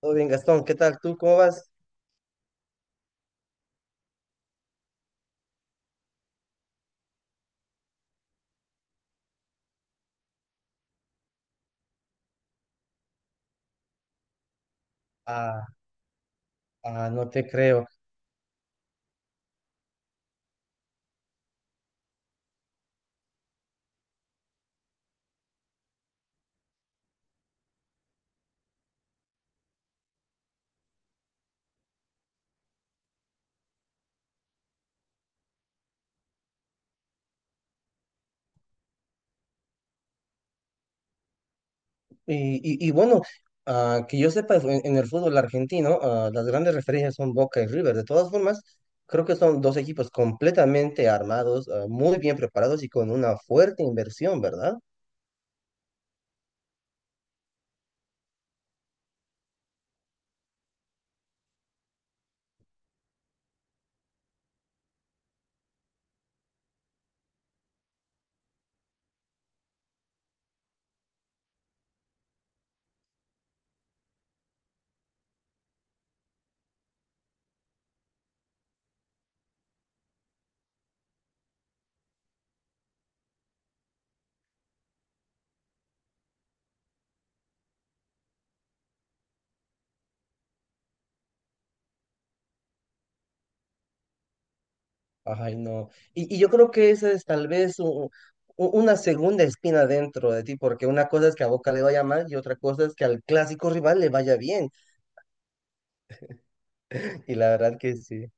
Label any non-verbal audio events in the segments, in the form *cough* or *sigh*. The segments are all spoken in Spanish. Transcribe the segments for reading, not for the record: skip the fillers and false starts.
Todo bien, Gastón, ¿qué tal tú? ¿Cómo vas? Ah, no te creo. Y, y bueno, que yo sepa, en el fútbol argentino, las grandes referencias son Boca y River. De todas formas, creo que son dos equipos completamente armados, muy bien preparados y con una fuerte inversión, ¿verdad? Ay, no. Y yo creo que esa es tal vez una segunda espina dentro de ti, porque una cosa es que a Boca le vaya mal y otra cosa es que al clásico rival le vaya bien. *laughs* Y la verdad que sí.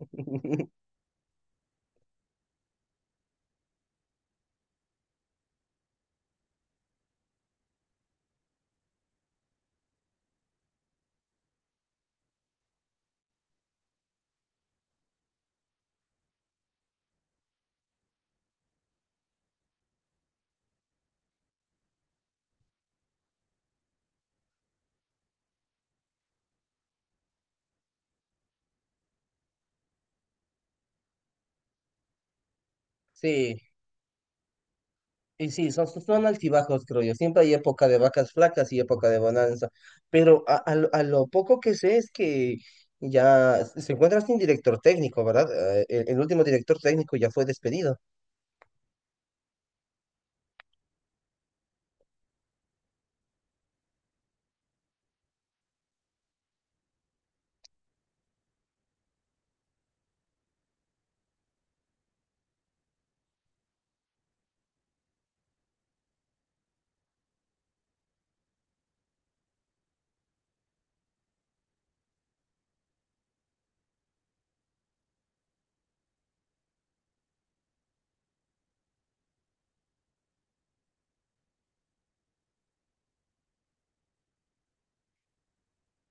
*laughs* Sí. Y sí, son, son altibajos, creo yo. Siempre hay época de vacas flacas y época de bonanza. Pero a lo poco que sé es que ya se encuentra sin director técnico, ¿verdad? El último director técnico ya fue despedido.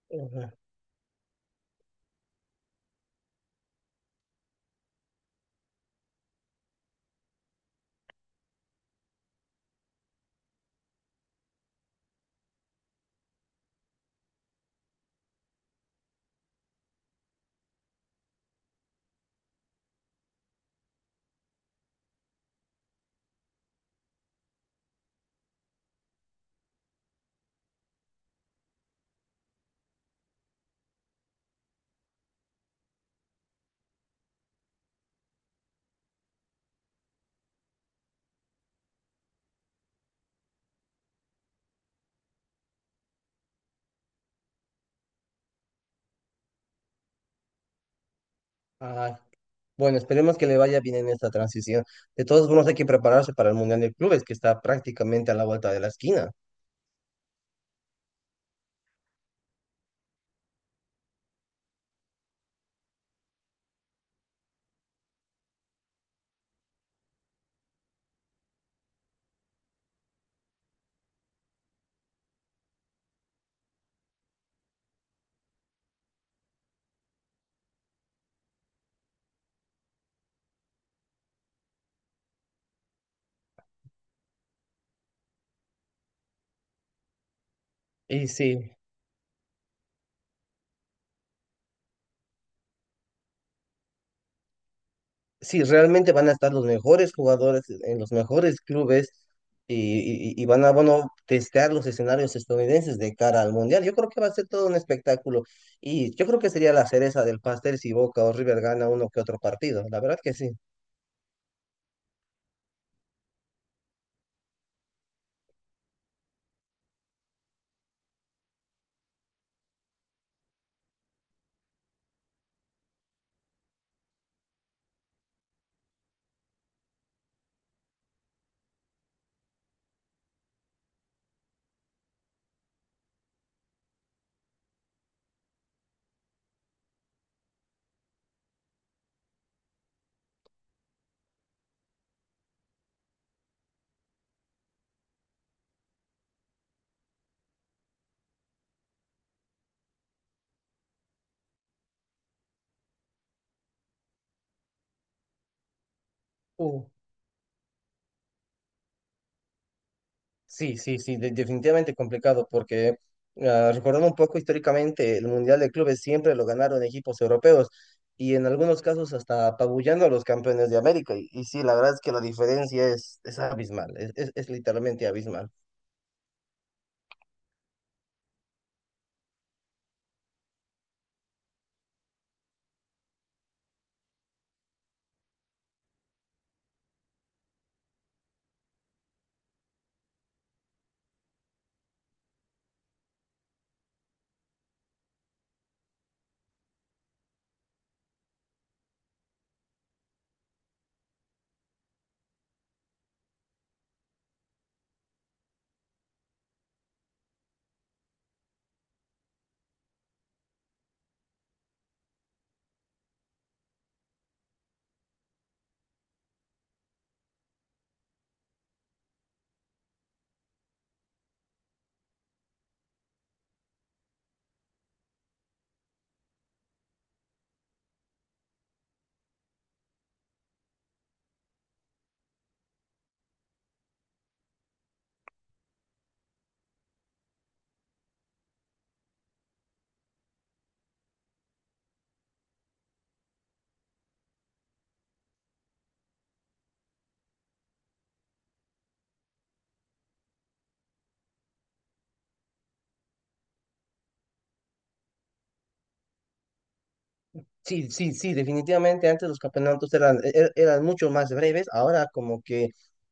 Ujú. Ay, bueno, esperemos que le vaya bien en esta transición. De todos modos, hay que prepararse para el Mundial de Clubes, que está prácticamente a la vuelta de la esquina. Y sí. Sí, realmente van a estar los mejores jugadores en los mejores clubes y, y van a, bueno, testear los escenarios estadounidenses de cara al Mundial. Yo creo que va a ser todo un espectáculo y yo creo que sería la cereza del pastel si Boca o River gana uno que otro partido. La verdad que sí. Sí, sí, sí, definitivamente complicado porque recordando un poco históricamente, el Mundial de Clubes siempre lo ganaron equipos europeos y en algunos casos hasta apabullando a los campeones de América. Y sí, la verdad es que la diferencia es abismal, es, es literalmente abismal. Sí, sí, sí, definitivamente antes los campeonatos eran mucho más breves, ahora como que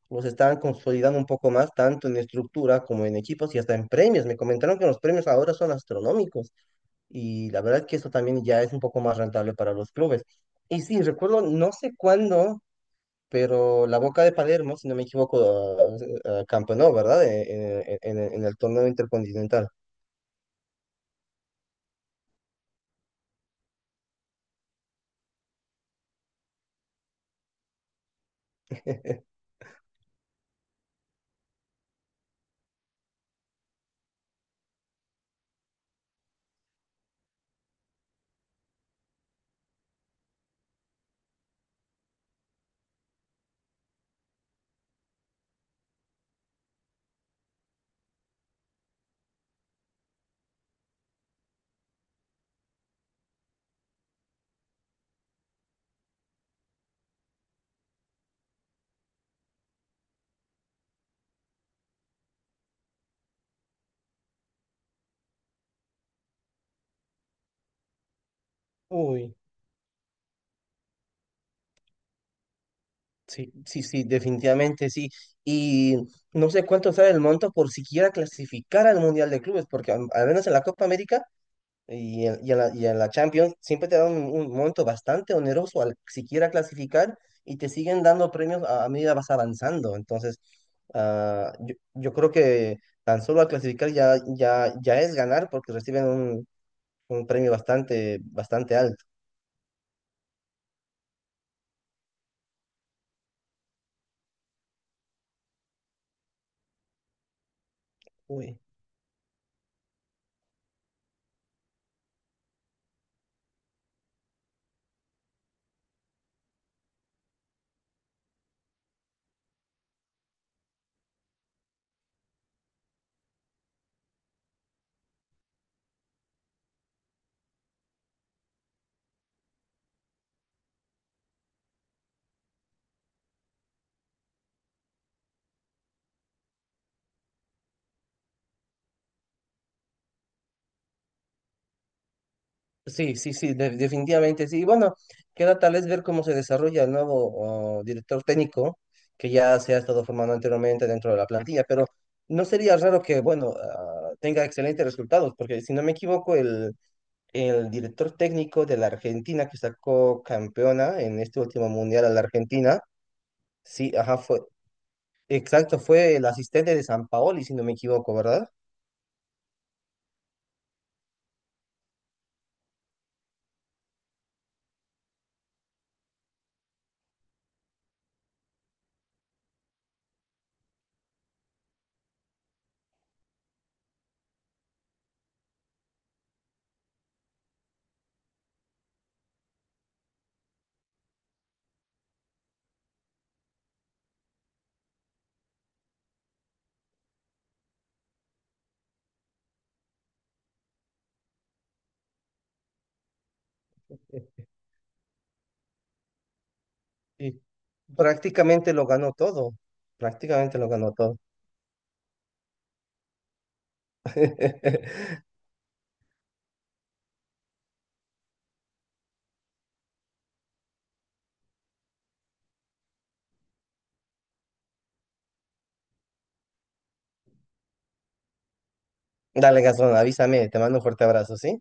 los están consolidando un poco más, tanto en estructura como en equipos y hasta en premios. Me comentaron que los premios ahora son astronómicos. Y la verdad que eso también ya es un poco más rentable para los clubes. Y sí, recuerdo, no sé cuándo, pero la Boca de Palermo, si no me equivoco, campeonó, ¿verdad? En el torneo intercontinental. Sí, sí, sí, definitivamente sí. Y no sé cuánto sale el monto por siquiera clasificar al Mundial de Clubes, porque al menos en la Copa América y en, y en la Champions siempre te dan un monto bastante oneroso al siquiera clasificar y te siguen dando premios a medida vas avanzando. Entonces, yo creo que tan solo al clasificar ya es ganar porque reciben un premio bastante, bastante alto. Uy. Sí, sí, sí, definitivamente sí. Y bueno, queda tal vez ver cómo se desarrolla el nuevo director técnico que ya se ha estado formando anteriormente dentro de la plantilla, pero no sería raro que, bueno, tenga excelentes resultados, porque si no me equivoco, el director técnico de la Argentina que sacó campeona en este último mundial a la Argentina, sí, ajá, exacto, fue el asistente de San Paoli, si no me equivoco, ¿verdad? Sí. Prácticamente lo ganó todo, prácticamente lo ganó todo. *laughs* Dale, Gastón, avísame, te mando un fuerte abrazo, ¿sí?